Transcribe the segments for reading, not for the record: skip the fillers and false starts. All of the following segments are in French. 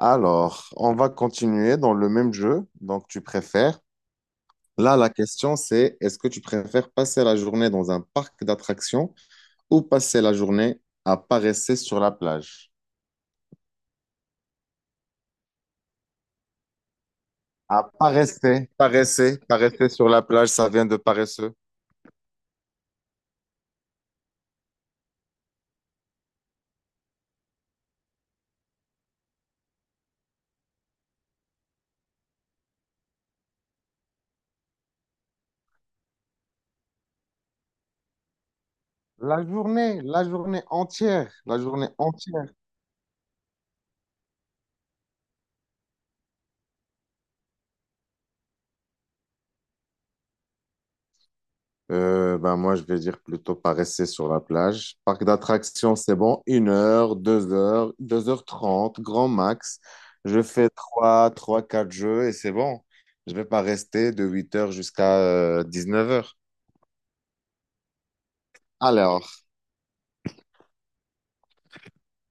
Alors, on va continuer dans le même jeu. Donc, tu préfères. Là, la question, c'est est-ce que tu préfères passer la journée dans un parc d'attractions ou passer la journée à paresser sur la plage? À paresser, paresser, paresser sur la plage, ça vient de paresseux. La journée entière, la journée entière. Ben moi, je vais dire plutôt pas rester sur la plage. Parc d'attractions, c'est bon. Une heure, deux heures trente, grand max. Je fais trois, trois, quatre jeux et c'est bon. Je vais pas rester de 8 heures jusqu'à neuf heures. Alors,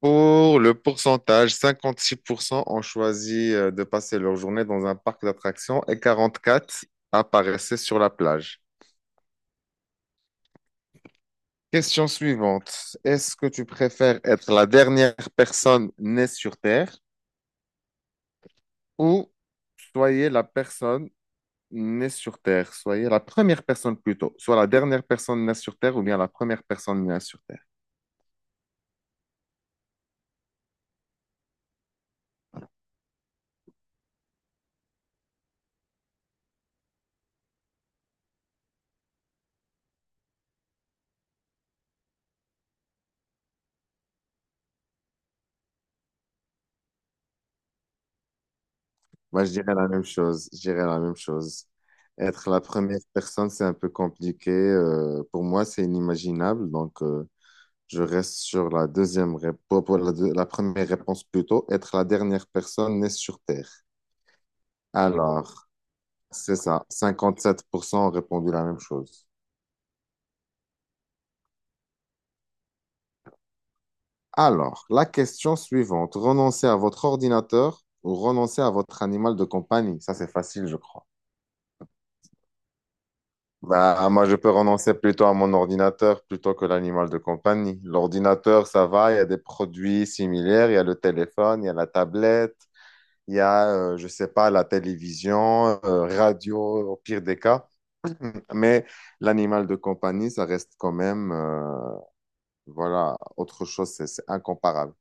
pour le pourcentage, 56% ont choisi de passer leur journée dans un parc d'attractions et 44% apparaissaient sur la plage. Question suivante. Est-ce que tu préfères être la dernière personne née sur Terre ou soyez la personne née sur Terre, soyez la première personne plutôt, soit la dernière personne née sur Terre ou bien la première personne née sur Terre. Moi, je dirais la même chose. Je dirais la même chose. Être la première personne, c'est un peu compliqué. Pour moi, c'est inimaginable. Donc, je reste sur la deuxième réponse, pour la, la première réponse plutôt, être la dernière personne née sur Terre. Alors, c'est ça. Cinquante-sept pour cent ont répondu la même chose. Alors, la question suivante. Renoncer à votre ordinateur ou renoncer à votre animal de compagnie? Ça, c'est facile, je crois. Bah, moi, je peux renoncer plutôt à mon ordinateur plutôt que l'animal de compagnie. L'ordinateur, ça va, il y a des produits similaires, il y a le téléphone, il y a la tablette, il y a, je sais pas, la télévision, radio, au pire des cas. Mais l'animal de compagnie, ça reste quand même, voilà, autre chose, c'est incomparable.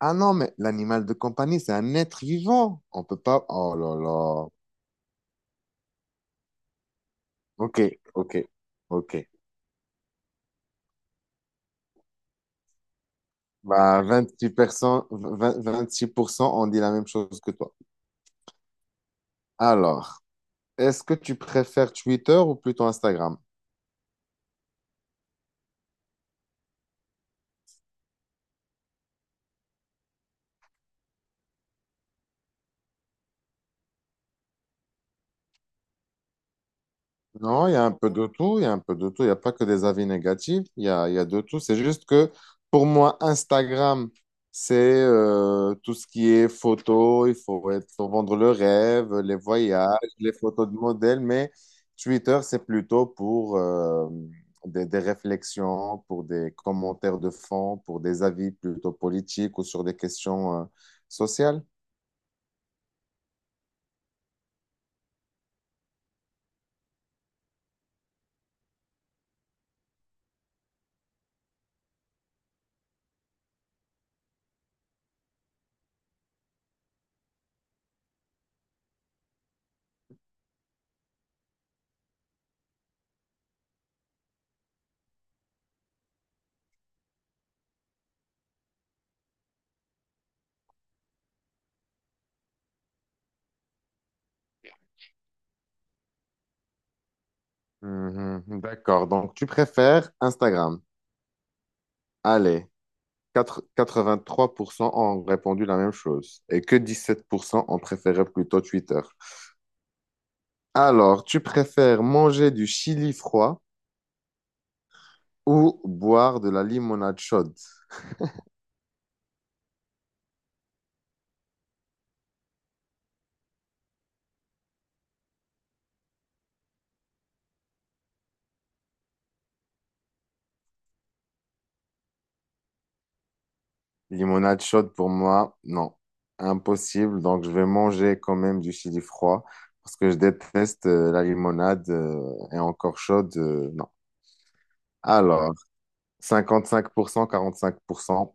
Ah non, mais l'animal de compagnie, c'est un être vivant. On peut pas. Oh là là. Ok, ok, ok. Bah, vingt-six pour cent, vingt-six pour cent, ont dit la même chose que toi. Alors, est-ce que tu préfères Twitter ou plutôt Instagram? Non, il y a un peu de tout, il y a un peu de tout, il n'y a pas que des avis négatifs, il y a de tout. C'est juste que pour moi, Instagram, c'est tout ce qui est photo, il faut, être, faut vendre le rêve, les voyages, les photos de modèles, mais Twitter, c'est plutôt pour des réflexions, pour des commentaires de fond, pour des avis plutôt politiques ou sur des questions sociales. Mhm, d'accord, donc tu préfères Instagram. Allez. Quatre vingt trois pour cent ont répondu la même chose et que 17% ont préféré plutôt Twitter. Alors, tu préfères manger du chili froid ou boire de la limonade chaude? Limonade chaude pour moi, non. Impossible. Donc, je vais manger quand même du chili froid parce que je déteste la limonade et encore chaude, non. Alors, cinq pour cent, quarante pour cent.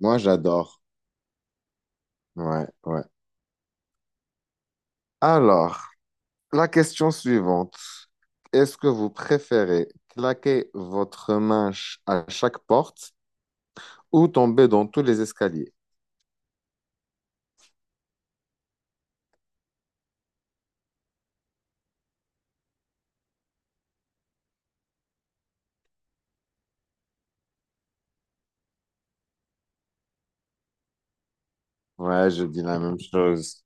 Moi, j'adore. Ouais, ouais. Alors, la question suivante. Est-ce que vous préférez claquer votre main à chaque porte ou tomber dans tous les escaliers? Ouais, je dis la même chose.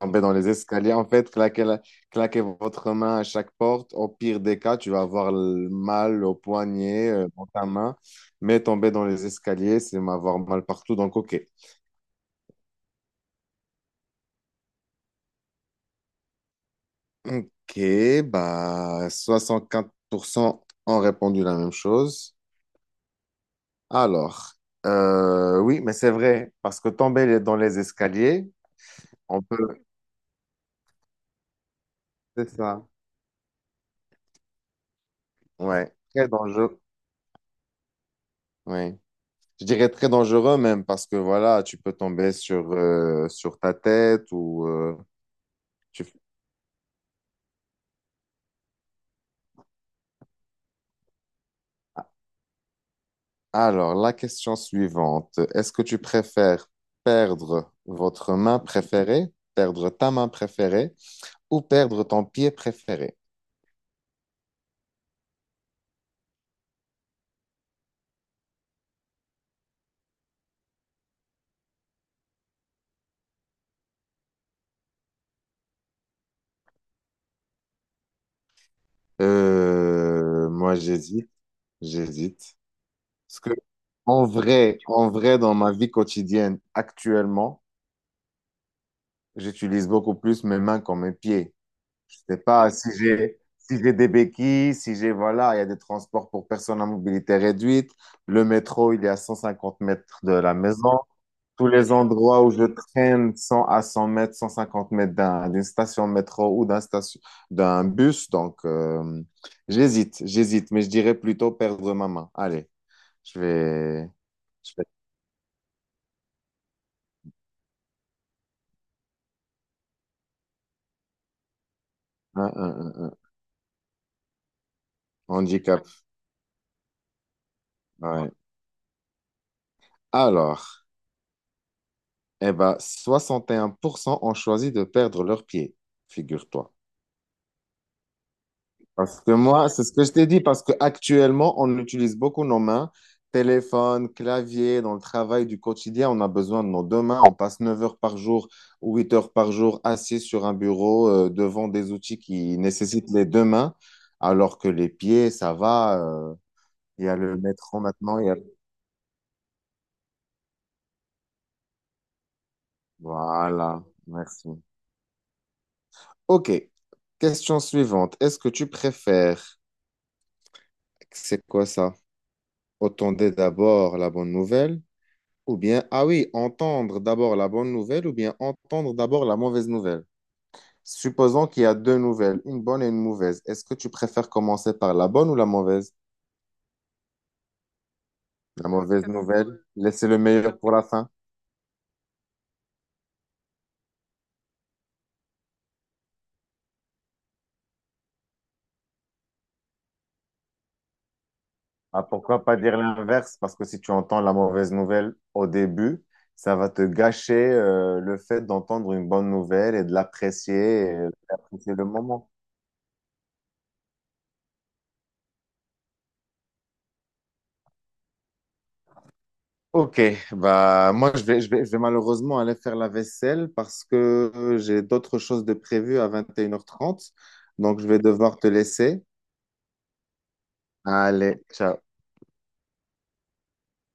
Tomber dans les escaliers, en fait, claquer votre main à chaque porte. Au pire des cas, tu vas avoir le mal au poignet, dans ta main. Mais tomber dans les escaliers, c'est m'avoir mal partout. Donc, OK. Ok, bah 64% ont répondu la même chose. Alors, oui, mais c'est vrai, parce que tomber dans les escaliers, on peut... C'est ça, ouais, très dangereux. Ouais. Je dirais très dangereux même, parce que voilà, tu peux tomber sur, sur ta tête ou... tu- Alors, la question suivante, est-ce que tu préfères perdre votre main préférée, perdre ta main préférée ou perdre ton pied préféré? Moi, j'hésite, j'hésite. Parce que, en vrai, dans ma vie quotidienne, actuellement, j'utilise beaucoup plus mes mains que mes pieds. Je sais pas si j'ai, si j'ai des béquilles, si j'ai, voilà, il y a des transports pour personnes à mobilité réduite. Le métro, il est à 150 mètres de la maison. Tous les endroits où je traîne 100 à 100 mètres, 150 mètres d'une station métro ou d'un station, d'un bus. Donc, j'hésite, j'hésite, mais je dirais plutôt perdre ma main. Allez, je vais... Je vais... un, un. Handicap. Ouais. Alors, eh ben, 61% ont choisi de perdre leurs pieds, figure-toi. Parce que moi, c'est ce que je t'ai dit, parce qu'actuellement, on utilise beaucoup nos mains, téléphone, clavier, dans le travail du quotidien, on a besoin de nos deux mains. On passe 9 heures par jour ou 8 heures par jour assis sur un bureau devant des outils qui nécessitent les deux mains, alors que les pieds, ça va. Il y a le métro maintenant, il y a... Voilà, merci. OK, question suivante. Est-ce que tu préfères... C'est quoi ça? Autant d'abord la bonne nouvelle. Ou bien, ah oui, entendre d'abord la bonne nouvelle ou bien entendre d'abord la mauvaise nouvelle. Supposons qu'il y a deux nouvelles, une bonne et une mauvaise. Est-ce que tu préfères commencer par la bonne ou la mauvaise? La mauvaise. La nouvelle, mauvaise. Laissez le meilleur pour la fin. Ah, pourquoi pas Oui. dire l'inverse? Parce que si tu entends la mauvaise nouvelle au début, ça va te gâcher le fait d'entendre une bonne nouvelle et de l'apprécier, et d'apprécier le moment. Ok, bah moi je vais malheureusement aller faire la vaisselle parce que j'ai d'autres choses de prévues à 21h30, donc je vais devoir te laisser. Allez, ciao.